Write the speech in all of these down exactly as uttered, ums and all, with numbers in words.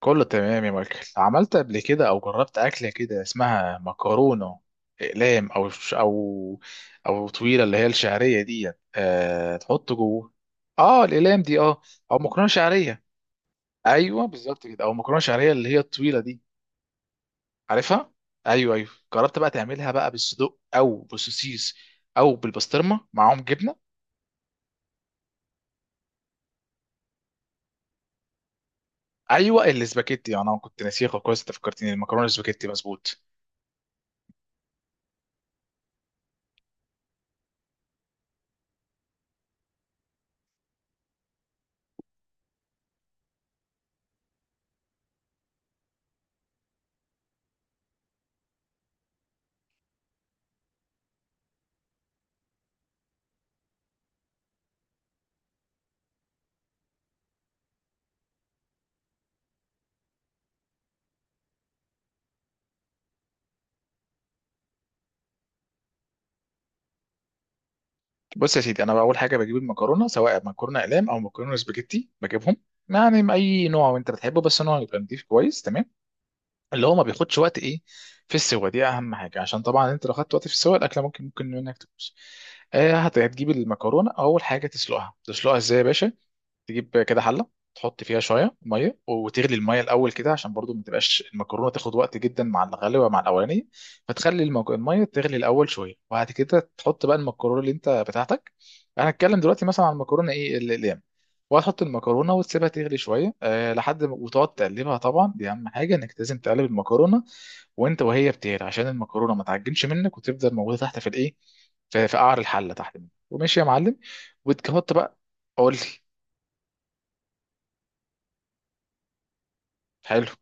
كله تمام يا مايكل. عملت قبل كده او جربت اكله كده اسمها مكرونه اقلام او ش- او او طويله اللي هي الشعريه دي؟ أه، تحط جوه اه الاقلام دي اه. او مكرونه شعريه. ايوه بالظبط كده، او مكرونه شعريه اللي هي الطويله دي. عارفها؟ ايوه ايوه. جربت بقى تعملها بقى بالصدق او بالسوسيس او بالبسطرمه معاهم جبنه؟ ايوه الاسباجيتي، انا كنت ناسيها كويس، انت فكرتني المكرونه الاسباجيتي مظبوط. بص يا سيدي، انا اول حاجه بجيب المكرونه، سواء مكرونه اقلام او مكرونه سباجيتي بجيبهم يعني من اي نوع انت بتحبه، بس نوع يبقى نضيف كويس، تمام. اللي هو ما بياخدش وقت ايه في السوا، دي اهم حاجه، عشان طبعا انت لو خدت وقت في السوا الاكله ممكن ممكن منك تبوظ. آه، هت- هتجيب المكرونه اول حاجه تسلقها. تسلقها ازاي يا باشا؟ تجيب كده حله، تحط فيها شويه ميه وتغلي الميه الاول كده، عشان برضو ما تبقاش المكرونه تاخد وقت جدا مع الغلوه مع الاولاني. فتخلي المك... الميه تغلي الاول شويه وبعد كده تحط بقى المكرونه اللي انت بتاعتك. انا هتكلم دلوقتي مثلا عن المكرونه ايه ال- الايام. وهتحط المكرونه وتسيبها تغلي شويه أه لحد ما- وتقعد تقلبها. طبعا دي اهم حاجه، انك لازم تقلب المكرونه وانت وهي بتغلي، عشان المكرونه ما تعجنش منك وتفضل موجوده تحت في الايه، في في قعر الحله تحت منك، وماشي يا معلم. وتحط بقى. قول لي. حلو.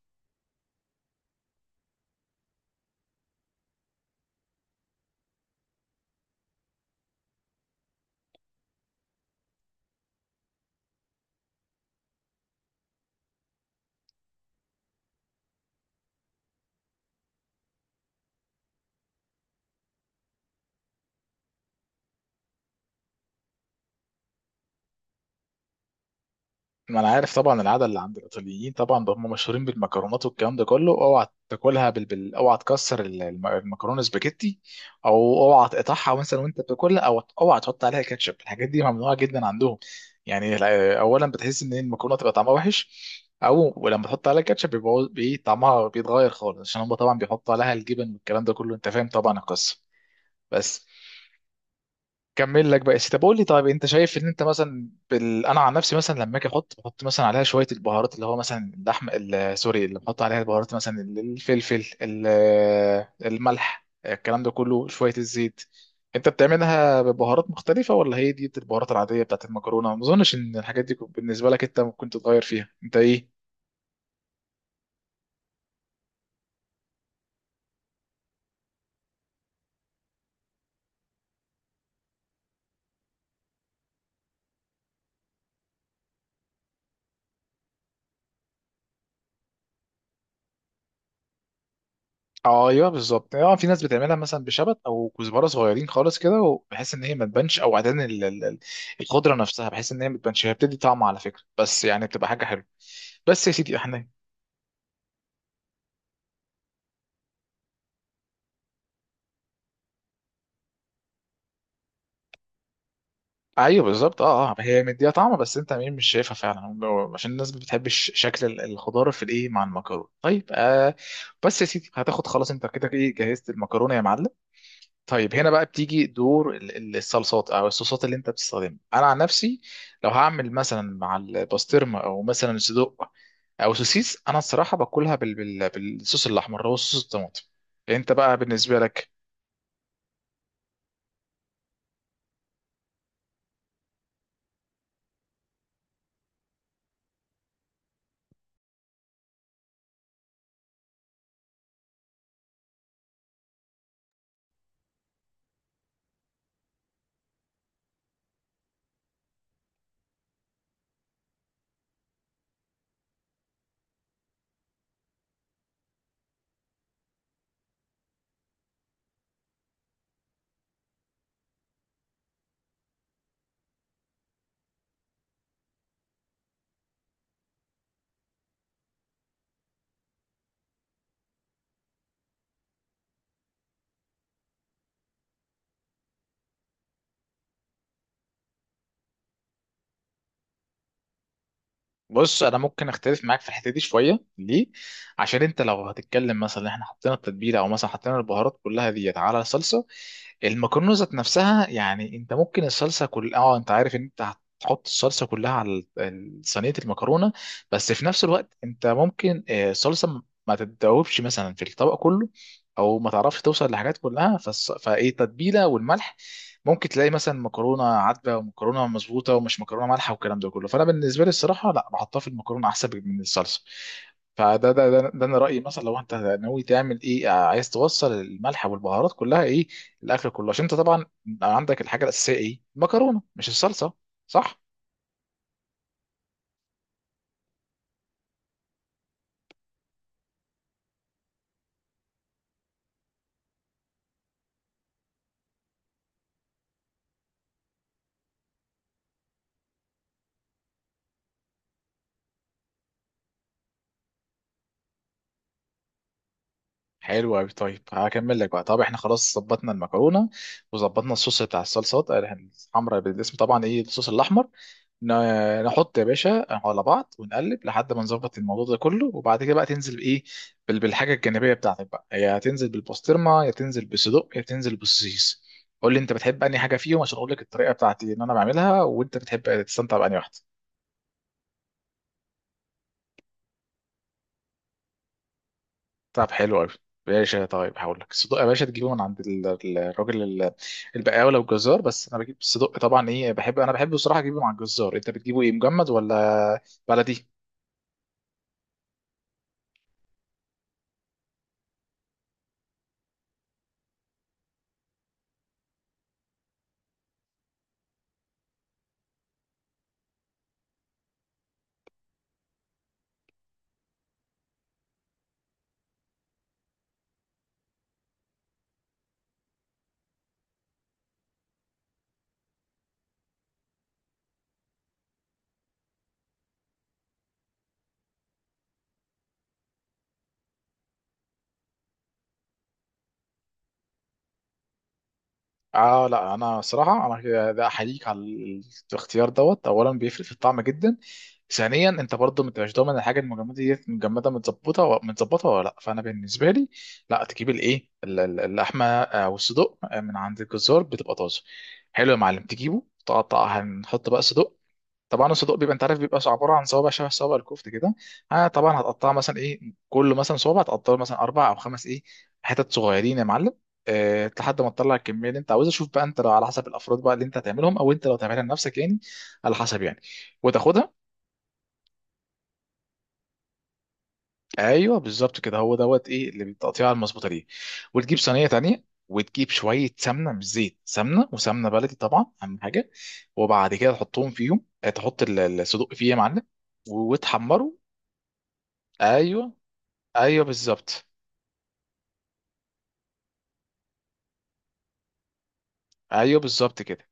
ما انا عارف طبعا العاده اللي عند الايطاليين، طبعا ده هم مشهورين بالمكرونات والكلام ده كله، اوعى تاكلها بال... بال... اوعى تكسر ال- الم- المكرونه سباجيتي، او اوعى تقطعها مثلا وانت بتاكلها، او اوعى تحط عليها كاتشب. الحاجات دي ممنوعه جدا عندهم. يعني لا- اولا بتحس ان المكرونه تبقى طعمها وحش، او ولما تحط عليها كاتشب بيبقى بي... طعمها بيتغير خالص، عشان هم طبعا بيحطوا عليها الجبن والكلام ده كله، انت فاهم طبعا القصه. بس. كمل لك بقى. طب قول لي، طيب انت شايف ان انت مثلا بال... انا عن نفسي مثلا لما اجي احط، بحط مثلا عليها شويه البهارات اللي هو مثلا اللحم ال- سوري اللي بحط عليها البهارات، مثلا الفلفل ال- الملح، الكلام ده كله، شويه الزيت. انت بتعملها ببهارات مختلفه ولا هي دي البهارات العاديه بتاعت المكرونه؟ ما اظنش ان الحاجات دي بالنسبه لك انت ممكن تتغير فيها انت ايه. اه ايوه بالظبط. اه في ناس بتعملها مثلا بشبت او كزبره صغيرين خالص كده، وبحيث ان هي ما تبانش، او عدن ال- ال- ال- الخضره نفسها بحيث ان هي ما تبانش، هي بتدي طعم على فكره، بس يعني بتبقى حاجه حلوه. بس يا سيدي احنا. ايوه بالظبط، اه اه هي مديها طعم بس انت مين مش شايفها فعلا، عشان الناس ما بتحبش شكل ال- الخضار في الايه مع المكرونه. طيب آه، بس يا سيدي هتاخد خلاص انت كده ايه، جهزت المكرونه يا معلم. طيب هنا بقى بتيجي دور ال- ال- الصلصات او الصوصات اللي انت بتستخدمها. انا عن نفسي لو هعمل مثلا مع البسطرمه او مثلا صدق او سوسيس، انا الصراحه باكلها بال- بال- بالصوص الاحمر، هو صوص الطماطم. انت بقى بالنسبه لك؟ بص، انا ممكن اختلف معاك في الحته دي شويه. ليه؟ عشان انت لو هتتكلم مثلا إن احنا حطينا التتبيله او مثلا حطينا البهارات كلها ديت على الصلصه، المكرونه ذات نفسها يعني انت ممكن الصلصه كل اه، انت عارف ان انت هتحط الصلصه كلها على ال- صينيه المكرونه. بس في نفس الوقت انت ممكن آه، الصلصه ما تتذوبش مثلا في الطبق كله، او ما تعرفش توصل لحاجات كلها فالص... فايه التتبيله والملح، ممكن تلاقي مثلا مكرونه عدبه ومكرونه مظبوطه ومش مكرونه مالحه والكلام ده كله. فانا بالنسبه لي الصراحه لا، بحطها في المكرونه احسن من الصلصه. فده ده ده, ده انا رايي. مثلا لو انت ناوي تعمل ايه آه، عايز توصل الملح والبهارات كلها ايه الاكل كله، عشان انت طبعا عندك الحاجه الاساسيه ايه المكرونه مش الصلصه. صح؟ حلو قوي. طيب هكمل لك بقى. طب احنا خلاص ظبطنا المكرونه وظبطنا الصوص بتاع الصلصات آه، يعني الحمراء بالاسم طبعا ايه الصوص الاحمر. ن- نحط يا باشا على بعض ونقلب لحد ما نظبط الموضوع ده كله، وبعد كده بقى تنزل بايه، بال- بالحاجه الجانبيه بتاعتك بقى، يا هتنزل بالبسطرمه يا تنزل بالصدق يا تنزل بالسوسيس. قول لي انت بتحب انهي حاجه فيهم عشان اقول لك الطريقه بتاعتي ان انا بعملها وانت بتحب تستمتع بانهي واحده. طب حلو قوي باشا. طيب هقول لك، الصدق يا باشا تجيبه من عند ال- ال- الراجل ال- البقاوي او الجزار. بس انا بجيب الصدق طبعا ايه، بحب انا، بحب بصراحه اجيبه مع الجزار. انت بتجيبه ايه، مجمد ولا بلدي؟ اه لا انا صراحه انا كده- ده احييك على ال- الاختيار دوت. اولا بيفرق في الطعم جدا. ثانيا انت برضه ما انتش ضامن الحاجه المجمده دي مجمده متظبطه و- متظبطه ولا لا. فانا بالنسبه لي لا، تجيب الايه ال- ال- اللحمه آه، والصدوق آه، من عند الجزار بتبقى طازه. حلو يا معلم، تجيبه تقطع، هنحط بقى صدق. طبعا الصدوق بيبقى انت عارف بيبقى عباره عن صوابع شبه صوابع الكفت كده. آه طبعا هتقطعها مثلا ايه، كل مثلا صوابع هتقطعه مثلا اربع او خمس ايه، حتت صغيرين يا معلم، آه لحد ما تطلع الكميه اللي انت عاوزها. شوف بقى انت لو على حسب الافراد بقى اللي انت هتعملهم، او انت لو تعملها لنفسك يعني، على حسب يعني، وتاخدها. ايوه بالظبط كده، هو دوت ايه اللي بالتقطيعه المظبوطه دي. وتجيب صينيه تانيه وتجيب شويه سمنه، مش زيت، سمنه، وسمنه بلدي طبعا اهم حاجه. وبعد كده تحطهم فيهم آه، تحط ال- الصدوق فيه يا معلم، وتحمره. ايوه. ايوه بالظبط. ايوه بالظبط كده.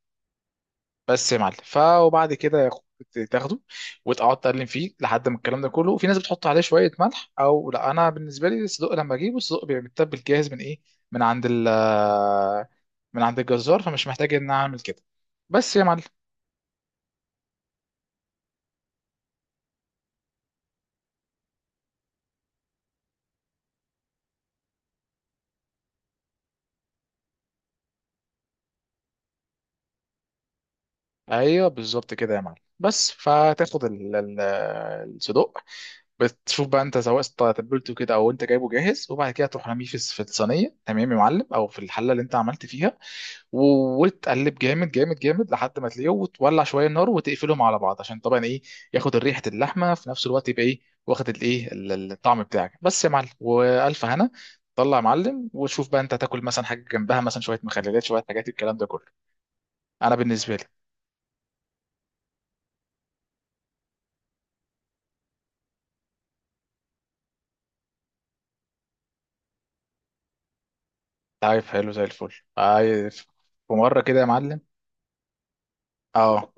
بس يا معلم ف وبعد كده يا أخو- تاخده وتقعد تقلم فيه لحد ما الكلام ده كله. وفي ناس بتحط عليه شويه ملح او لا، انا بالنسبه لي الصدق لما اجيبه، الصدق بيبقى متبل جاهز من ايه، من عند ال من عند الجزار، فمش محتاج ان أنا اعمل كده. بس يا معلم. ايوه بالظبط كده يا معلم. بس فتاخد ال- ال- الصدق، بتشوف بقى انت سواء است- تبلته كده او انت جايبه جاهز، وبعد كده تروح رميه في الص- في الصينيه تمام يا معلم، او في الحله اللي انت عملت فيها. وتقلب جامد جامد جامد لحد ما تلاقيه، وتولع شويه النار وتقفلهم على بعض، عشان طبعا ايه ياخد ريحه اللحمه في نفس الوقت، يبقى ايه واخد الايه ال- الطعم بتاعك. بس يا معلم والف هنا طلع يا معلم. وشوف بقى انت هتاكل مثلا حاجه جنبها، مثلا شويه مخللات، شويه حاجات الكلام ده كله. انا بالنسبه لي. عارف، حلو زي الفل، عارف. في مره كده يا معلم. اه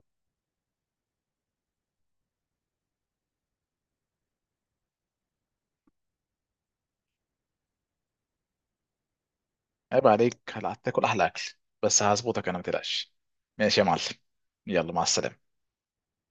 عيب عليك، هتاكل احلى اكل، بس هظبطك انا ما تقلقش. ماشي يا معلم. يلا، مع السلامه.